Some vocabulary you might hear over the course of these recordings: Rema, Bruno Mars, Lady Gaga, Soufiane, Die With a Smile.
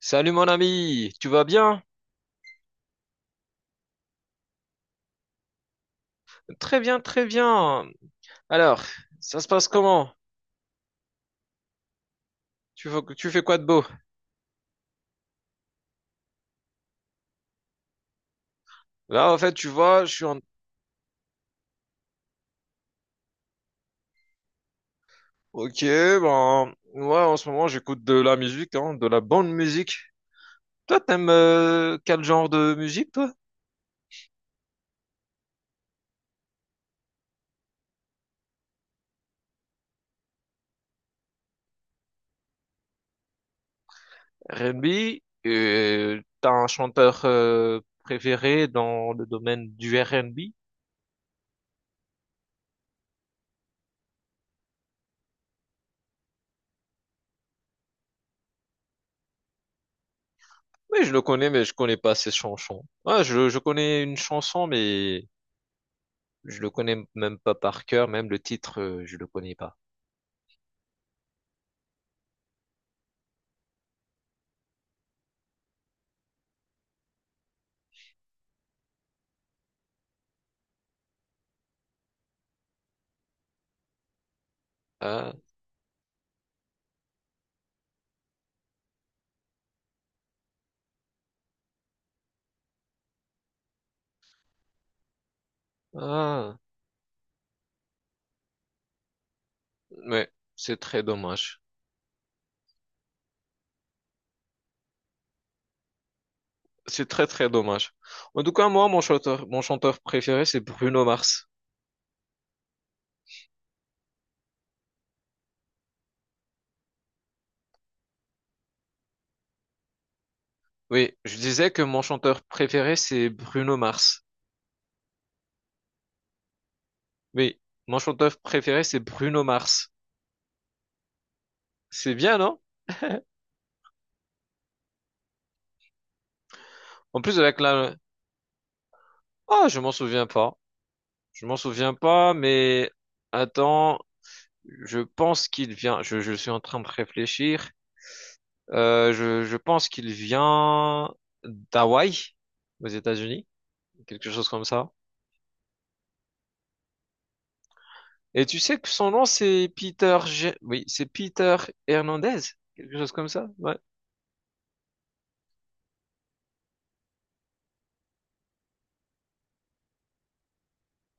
Salut mon ami, tu vas bien? Très bien, très bien. Alors, ça se passe comment? Tu fais quoi de beau? Là, en fait, tu vois, je suis en... Ok, ben, ouais, en ce moment, j'écoute de la musique, hein, de la bonne musique. Toi, t'aimes quel genre de musique, toi? R&B? T'as un chanteur préféré dans le domaine du R&B? Oui, je le connais, mais je connais pas ses chansons. Ouais, je connais une chanson, mais je le connais même pas par cœur, même le titre, je le connais pas. Ah, ah, mais c'est très dommage. C'est très très dommage. En tout cas, moi, mon chanteur préféré, c'est Bruno Mars. Oui, je disais que mon chanteur préféré, c'est Bruno Mars. Oui, mon chanteur préféré, c'est Bruno Mars. C'est bien, non? En plus avec la... Ah, je m'en souviens pas. Je m'en souviens pas, mais attends, je pense qu'il vient. Je suis en train de réfléchir. Je pense qu'il vient d'Hawaï, aux États-Unis, quelque chose comme ça. Et tu sais que son nom, c'est oui, c'est Peter Hernandez, quelque chose comme ça. Ouais.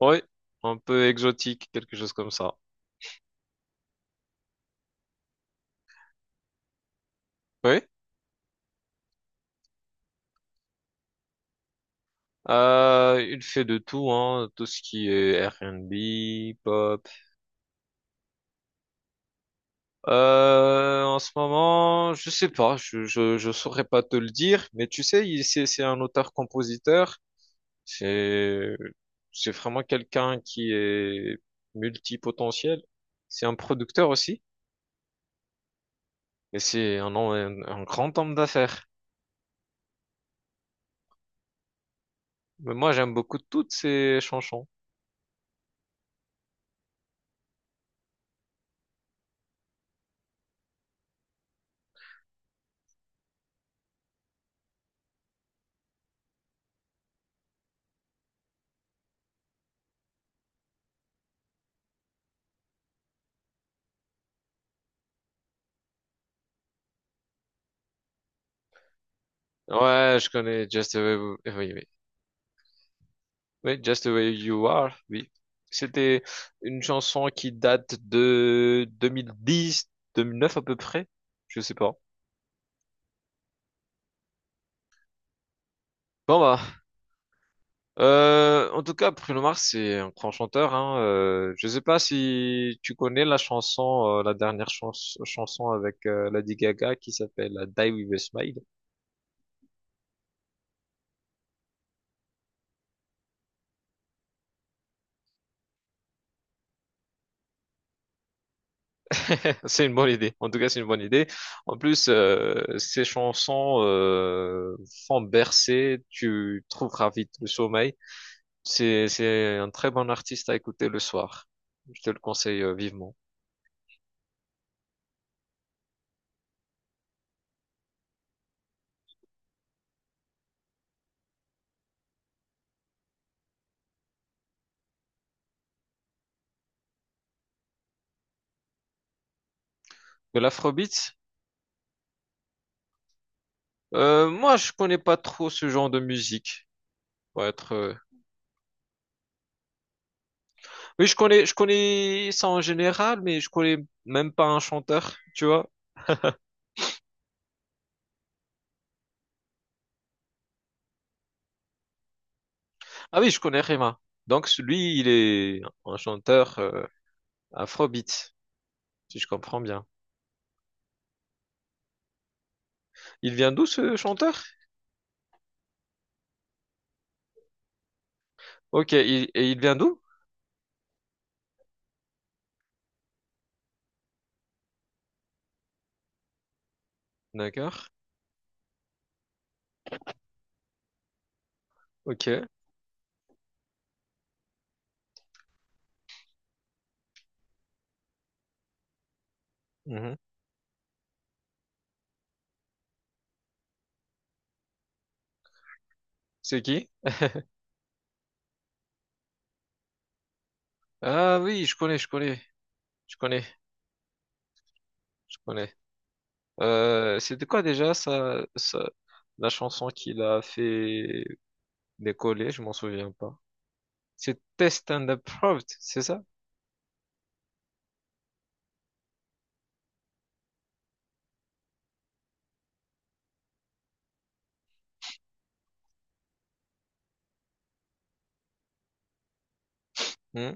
Oui, un peu exotique, quelque chose comme ça. Oui. Il fait de tout, hein, tout ce qui est R&B, pop. En ce moment, je sais pas, je saurais pas te le dire, mais tu sais, c'est un auteur-compositeur. C'est, c'est vraiment quelqu'un qui est multipotentiel. C'est un producteur aussi. Et c'est un grand homme d'affaires. Mais moi, j'aime beaucoup toutes ses chansons. Ouais, je connais Just the Way, We- oui, oui. Oui, Just the Way You Are, oui. C'était une chanson qui date de 2010, 2009 à peu près. Je sais pas. Bon, bah. En tout cas, Bruno Mars, c'est un grand chanteur. Hein. Je sais pas si tu connais la chanson, la dernière chanson avec Lady Gaga qui s'appelle Die With a Smile. C'est une bonne idée. En tout cas, c'est une bonne idée. En plus, ces chansons font bercer. Tu trouveras vite le sommeil. C'est un très bon artiste à écouter le soir. Je te le conseille vivement. De l'afrobeat, moi, je connais pas trop ce genre de musique. Pour être. Oui, je connais ça en général, mais je connais même pas un chanteur, tu vois. Ah oui, je connais Rema. Donc lui, il est un chanteur afrobeat, si je comprends bien. Il vient d'où ce chanteur? Ok, et il vient d'où? D'accord. Ok. Mhm. C'est qui? Ah oui, je connais, je connais. C'était quoi déjà la chanson qu'il a fait décoller? Je m'en souviens pas. C'était Stand Up Proud, c'est ça? Hmm?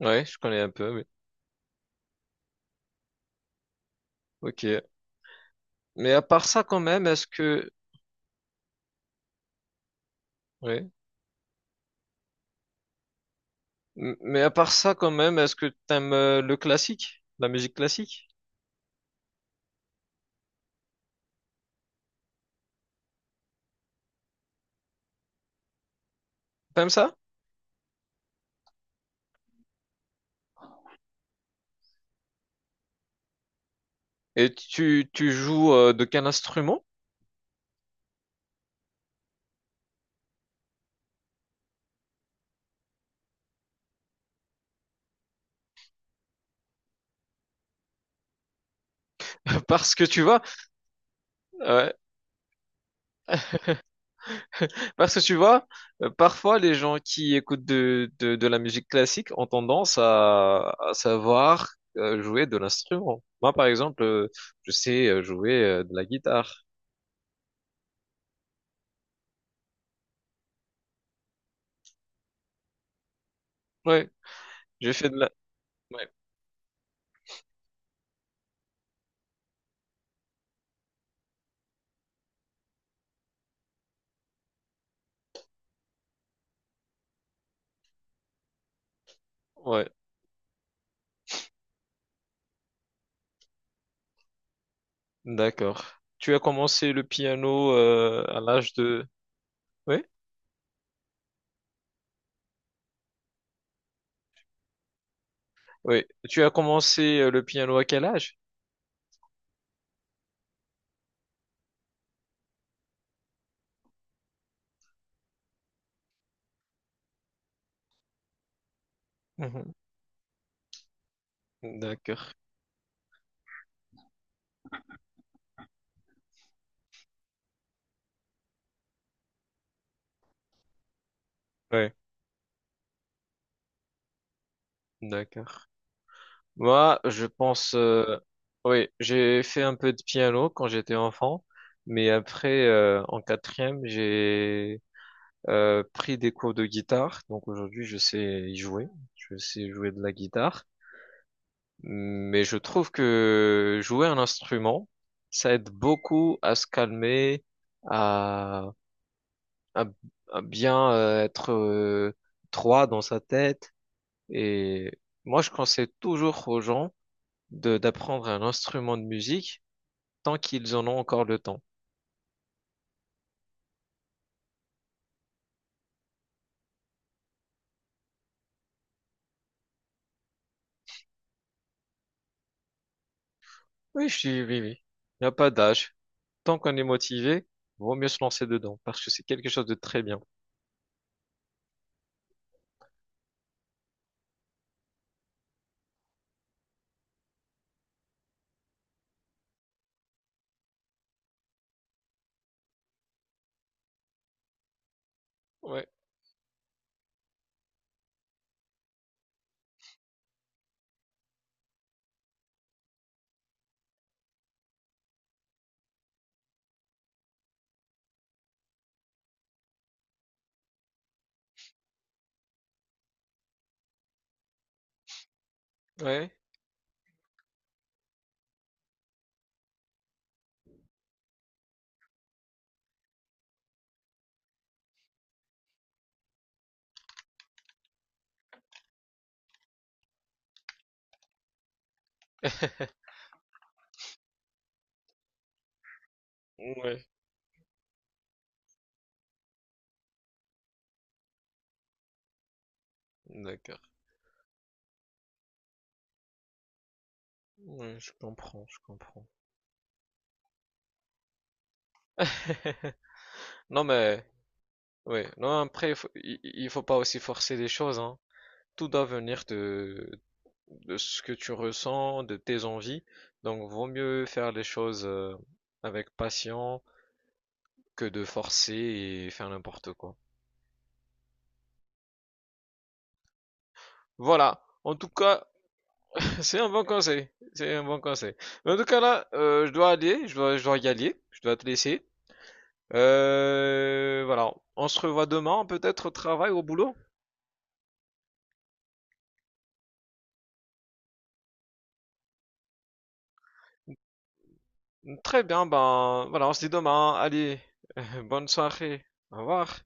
Ouais, je connais un peu, oui. Ok. Mais à part ça, quand même, est-ce que... Ouais. Mais à part ça, quand même, est-ce que t'aimes le classique? La musique classique? T'aimes ça? Et tu joues de quel instrument? Parce que tu vois, ouais, parce que tu vois, parfois les gens qui écoutent de, la musique classique ont tendance à savoir jouer de l'instrument. Moi, par exemple, je sais jouer de la guitare. Ouais, j'ai fait de la... Ouais. Ouais. D'accord. Tu as commencé le piano à l'âge de... Oui? Oui. Tu as commencé le piano à quel âge? Mhm. D'accord. Oui. D'accord. Moi, je pense... Oui, j'ai fait un peu de piano quand j'étais enfant, mais après, en quatrième, j'ai pris des cours de guitare. Donc aujourd'hui, je sais y jouer. Je sais jouer de la guitare. Mais je trouve que jouer un instrument, ça aide beaucoup à se calmer, à, à, à bien être droit dans sa tête. Et moi, je conseille toujours aux gens de d'apprendre un instrument de musique tant qu'ils en ont encore le temps. Oui, je dis oui, oui. Il n'y a pas d'âge. Tant qu'on est motivé, vaut mieux se lancer dedans parce que c'est quelque chose de très bien. Ouais, ouais, ouais. D'accord. Ouais, je comprends, je comprends. Non mais oui, non après il faut, il faut pas aussi forcer les choses hein. Tout doit venir de ce que tu ressens, de tes envies. Donc vaut mieux faire les choses avec patience que de forcer et faire n'importe quoi. Voilà. En tout cas, c'est un bon conseil. C'est un bon conseil. Mais en tout cas là, je dois aller, je dois y aller, je dois te laisser. Voilà. On se revoit demain peut-être au travail, au boulot. Très bien, ben voilà, on se dit demain. Allez, bonne soirée. Au revoir.